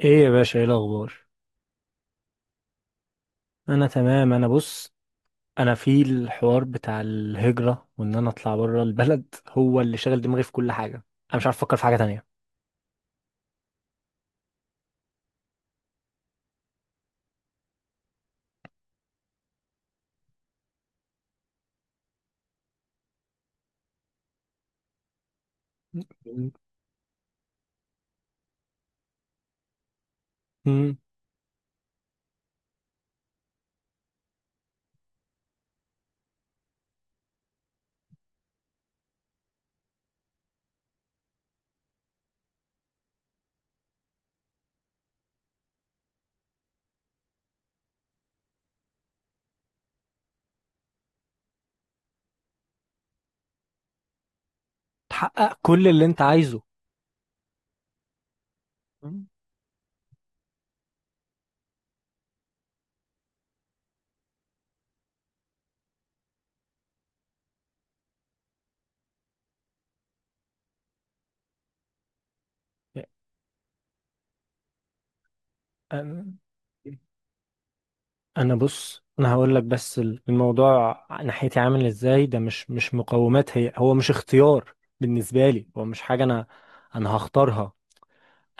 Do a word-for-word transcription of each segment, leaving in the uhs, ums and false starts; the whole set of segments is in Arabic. ايه يا باشا، ايه الاخبار؟ انا تمام. انا بص، انا في الحوار بتاع الهجرة وان انا اطلع بره البلد هو اللي شاغل دماغي في كل حاجة. انا مش عارف افكر في حاجة تانية. امم. تحقق كل اللي انت عايزه. مم. انا أنا بص، انا هقول لك بس، الموضوع ناحيتي عامل ازاي ده مش مش مقومات، هي هو مش اختيار. بالنسبة لي هو مش حاجة انا انا هختارها.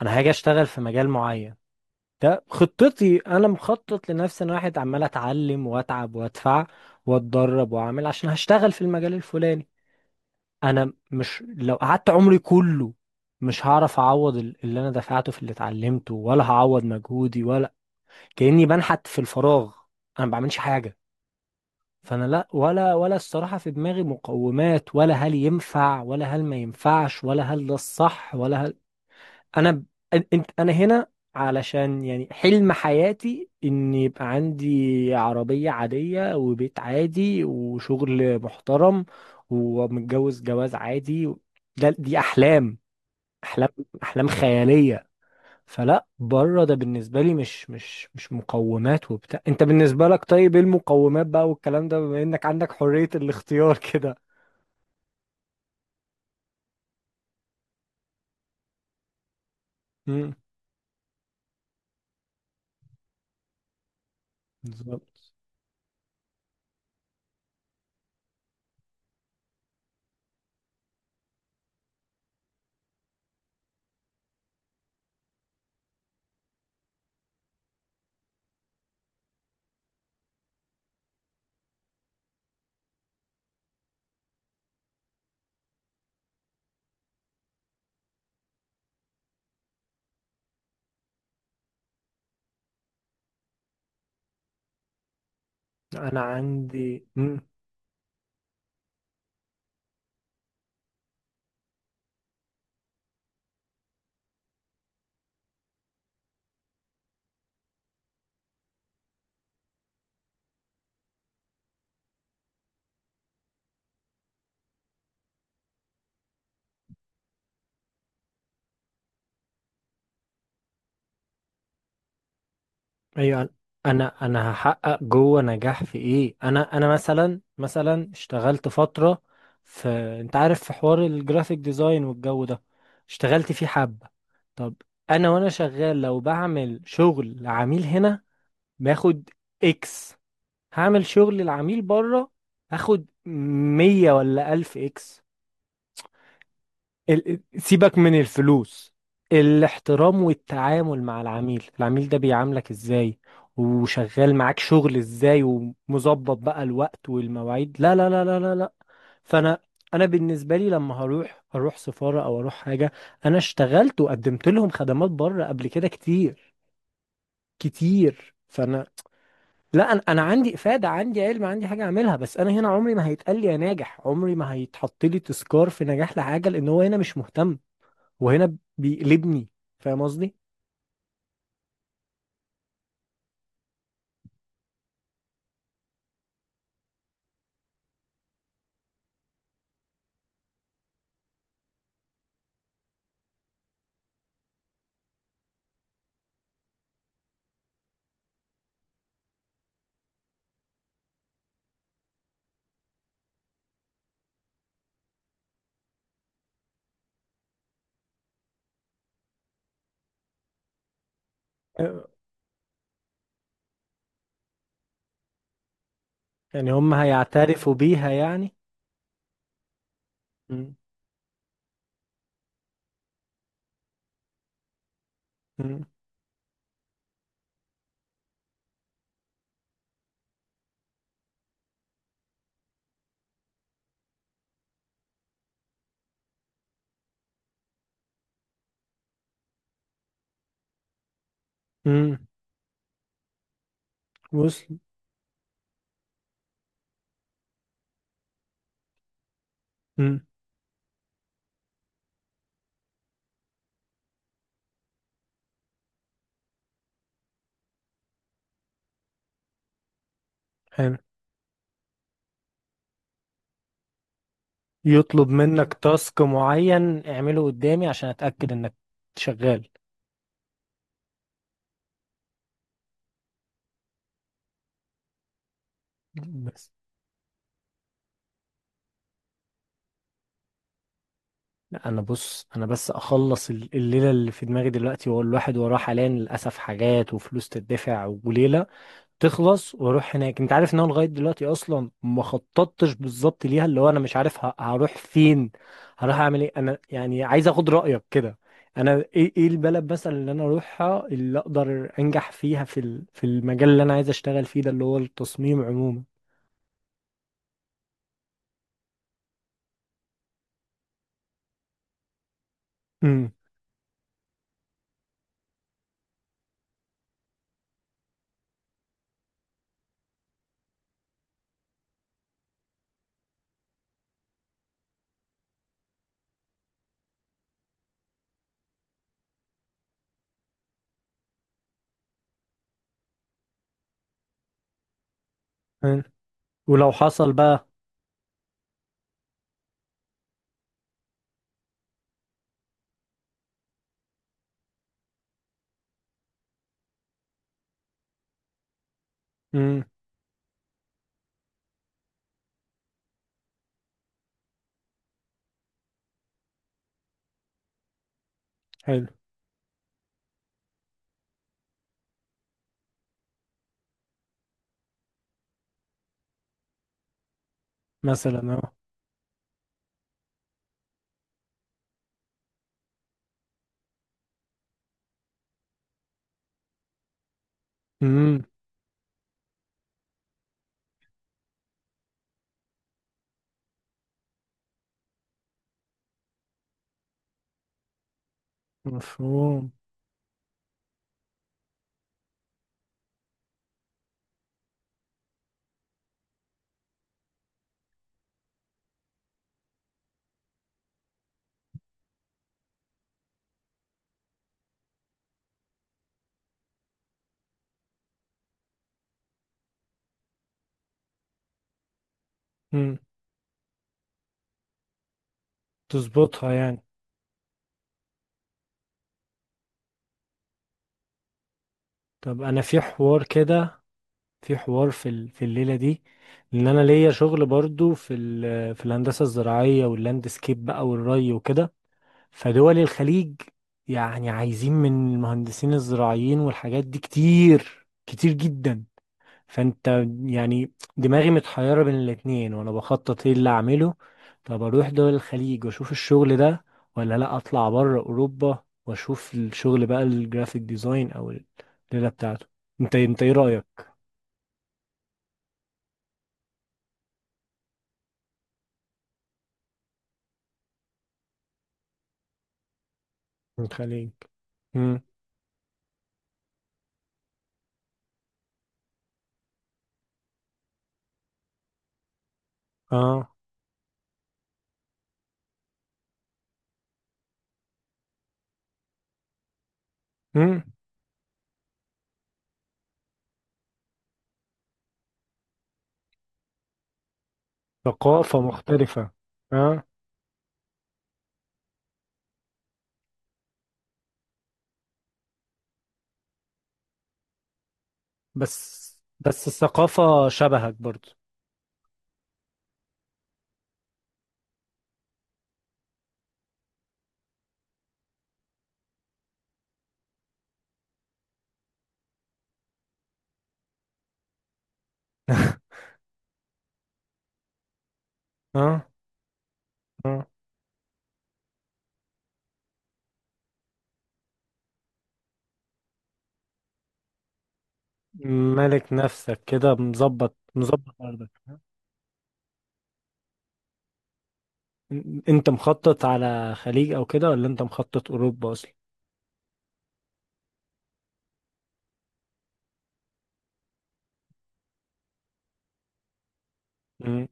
انا هاجي اشتغل في مجال معين، ده خطتي، انا مخطط لنفسي. انا واحد عمال اتعلم واتعب وادفع واتدرب واعمل عشان هشتغل في المجال الفلاني. انا مش لو قعدت عمري كله مش هعرف اعوض ال- اللي انا دفعته في اللي اتعلمته، ولا هعوض مجهودي ولا كأني بنحت في الفراغ. انا ما بعملش حاجة. فانا لا ولا ولا الصراحة في دماغي مقومات، ولا هل ينفع ولا هل ما ينفعش، ولا هل ده الصح ولا هل. انا ب- أن- انت انا هنا علشان يعني حلم حياتي ان يبقى عندي عربية عادية وبيت عادي وشغل محترم ومتجوز جواز عادي. ده دي احلام، احلام، احلام خيالية. فلا بره ده بالنسبة لي مش مش مش مقومات وبتاع. انت بالنسبة لك، طيب، ايه المقومات بقى والكلام ده بما انك عندك حرية الاختيار كده؟ امم. بالظبط. انا عندي. ايوه، انا انا هحقق جوه نجاح في ايه؟ انا انا مثلا مثلا اشتغلت فتره في، انت عارف، في حوار الجرافيك ديزاين والجو ده. اشتغلت فيه حبه. طب، انا وانا شغال لو بعمل شغل لعميل هنا باخد اكس، هعمل شغل لعميل بره هاخد مية ولا الف اكس. ال- سيبك من الفلوس، الاحترام والتعامل مع العميل. العميل ده بيعاملك ازاي، وشغال معاك شغل ازاي، ومظبط بقى الوقت والمواعيد، لا لا لا لا لا لا. فانا انا بالنسبه لي لما هروح اروح سفاره او اروح حاجه، انا اشتغلت وقدمت لهم خدمات بره قبل كده كتير كتير، فانا، لا، انا انا عندي افاده، عندي علم، عندي حاجه اعملها، بس انا هنا عمري ما هيتقال لي يا ناجح، عمري ما هيتحط لي تذكار في نجاح لحاجه، لان هو هنا مش مهتم. وهنا بيقلبني، فاهم قصدي؟ آه. يعني هم هيعترفوا بيها يعني؟ مم. مم. مم. وصل. مم. حلو. يطلب منك تاسك معين اعمله قدامي عشان اتاكد انك شغال. بس. لا، انا بص، انا بس اخلص ال- الليله اللي في دماغي دلوقتي، هو الواحد وراه حاليا للاسف حاجات وفلوس تدفع وليله تخلص واروح هناك. انت عارف ان انا لغايه دلوقتي اصلا ما خططتش بالظبط ليها، اللي هو انا مش عارف ه- هروح فين، هروح اعمل ايه. انا يعني عايز اخد رايك كده، انا ايه ايه البلد مثلا اللي انا اروحها اللي اقدر انجح فيها في ال- في المجال اللي انا عايز اشتغل فيه ده اللي هو التصميم عموما؟ امم. حلو. ولو حصل بقى. امم. حلو. مثلا اه. امم. مفهوم. امم. تظبطها يعني. طب انا في حوار كده، في حوار في ال- في الليله دي، ان انا ليا شغل برضو في ال- في الهندسه الزراعيه واللاندسكيب بقى والري وكده. فدول الخليج يعني عايزين من المهندسين الزراعيين والحاجات دي كتير كتير جدا. فانت يعني دماغي متحيره بين الاتنين، وانا بخطط ايه اللي اعمله. طب اروح دول الخليج واشوف الشغل ده، ولا لا اطلع بره اوروبا واشوف الشغل بقى الجرافيك ديزاين او الليله بتاعته؟ انت انت ايه رايك؟ من الخليج. مم. اه. مم. ثقافة مختلفة. اه. بس بس الثقافة شبهك برضو. اه، اه. مالك نفسك كده، مظبط مظبط أرضك. ن- انت مخطط على خليج او كده، ولا انت مخطط اوروبا اصلا؟ مم.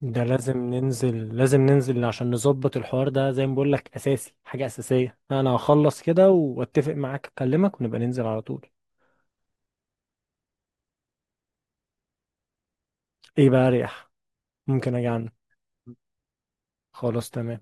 ده لازم ننزل، لازم ننزل عشان نظبط الحوار ده، زي ما بقول لك اساسي، حاجة اساسية. انا هخلص كده واتفق معاك، اكلمك ونبقى ننزل على طول. ايه بقى اريح، ممكن اجي عنه. خلاص، تمام.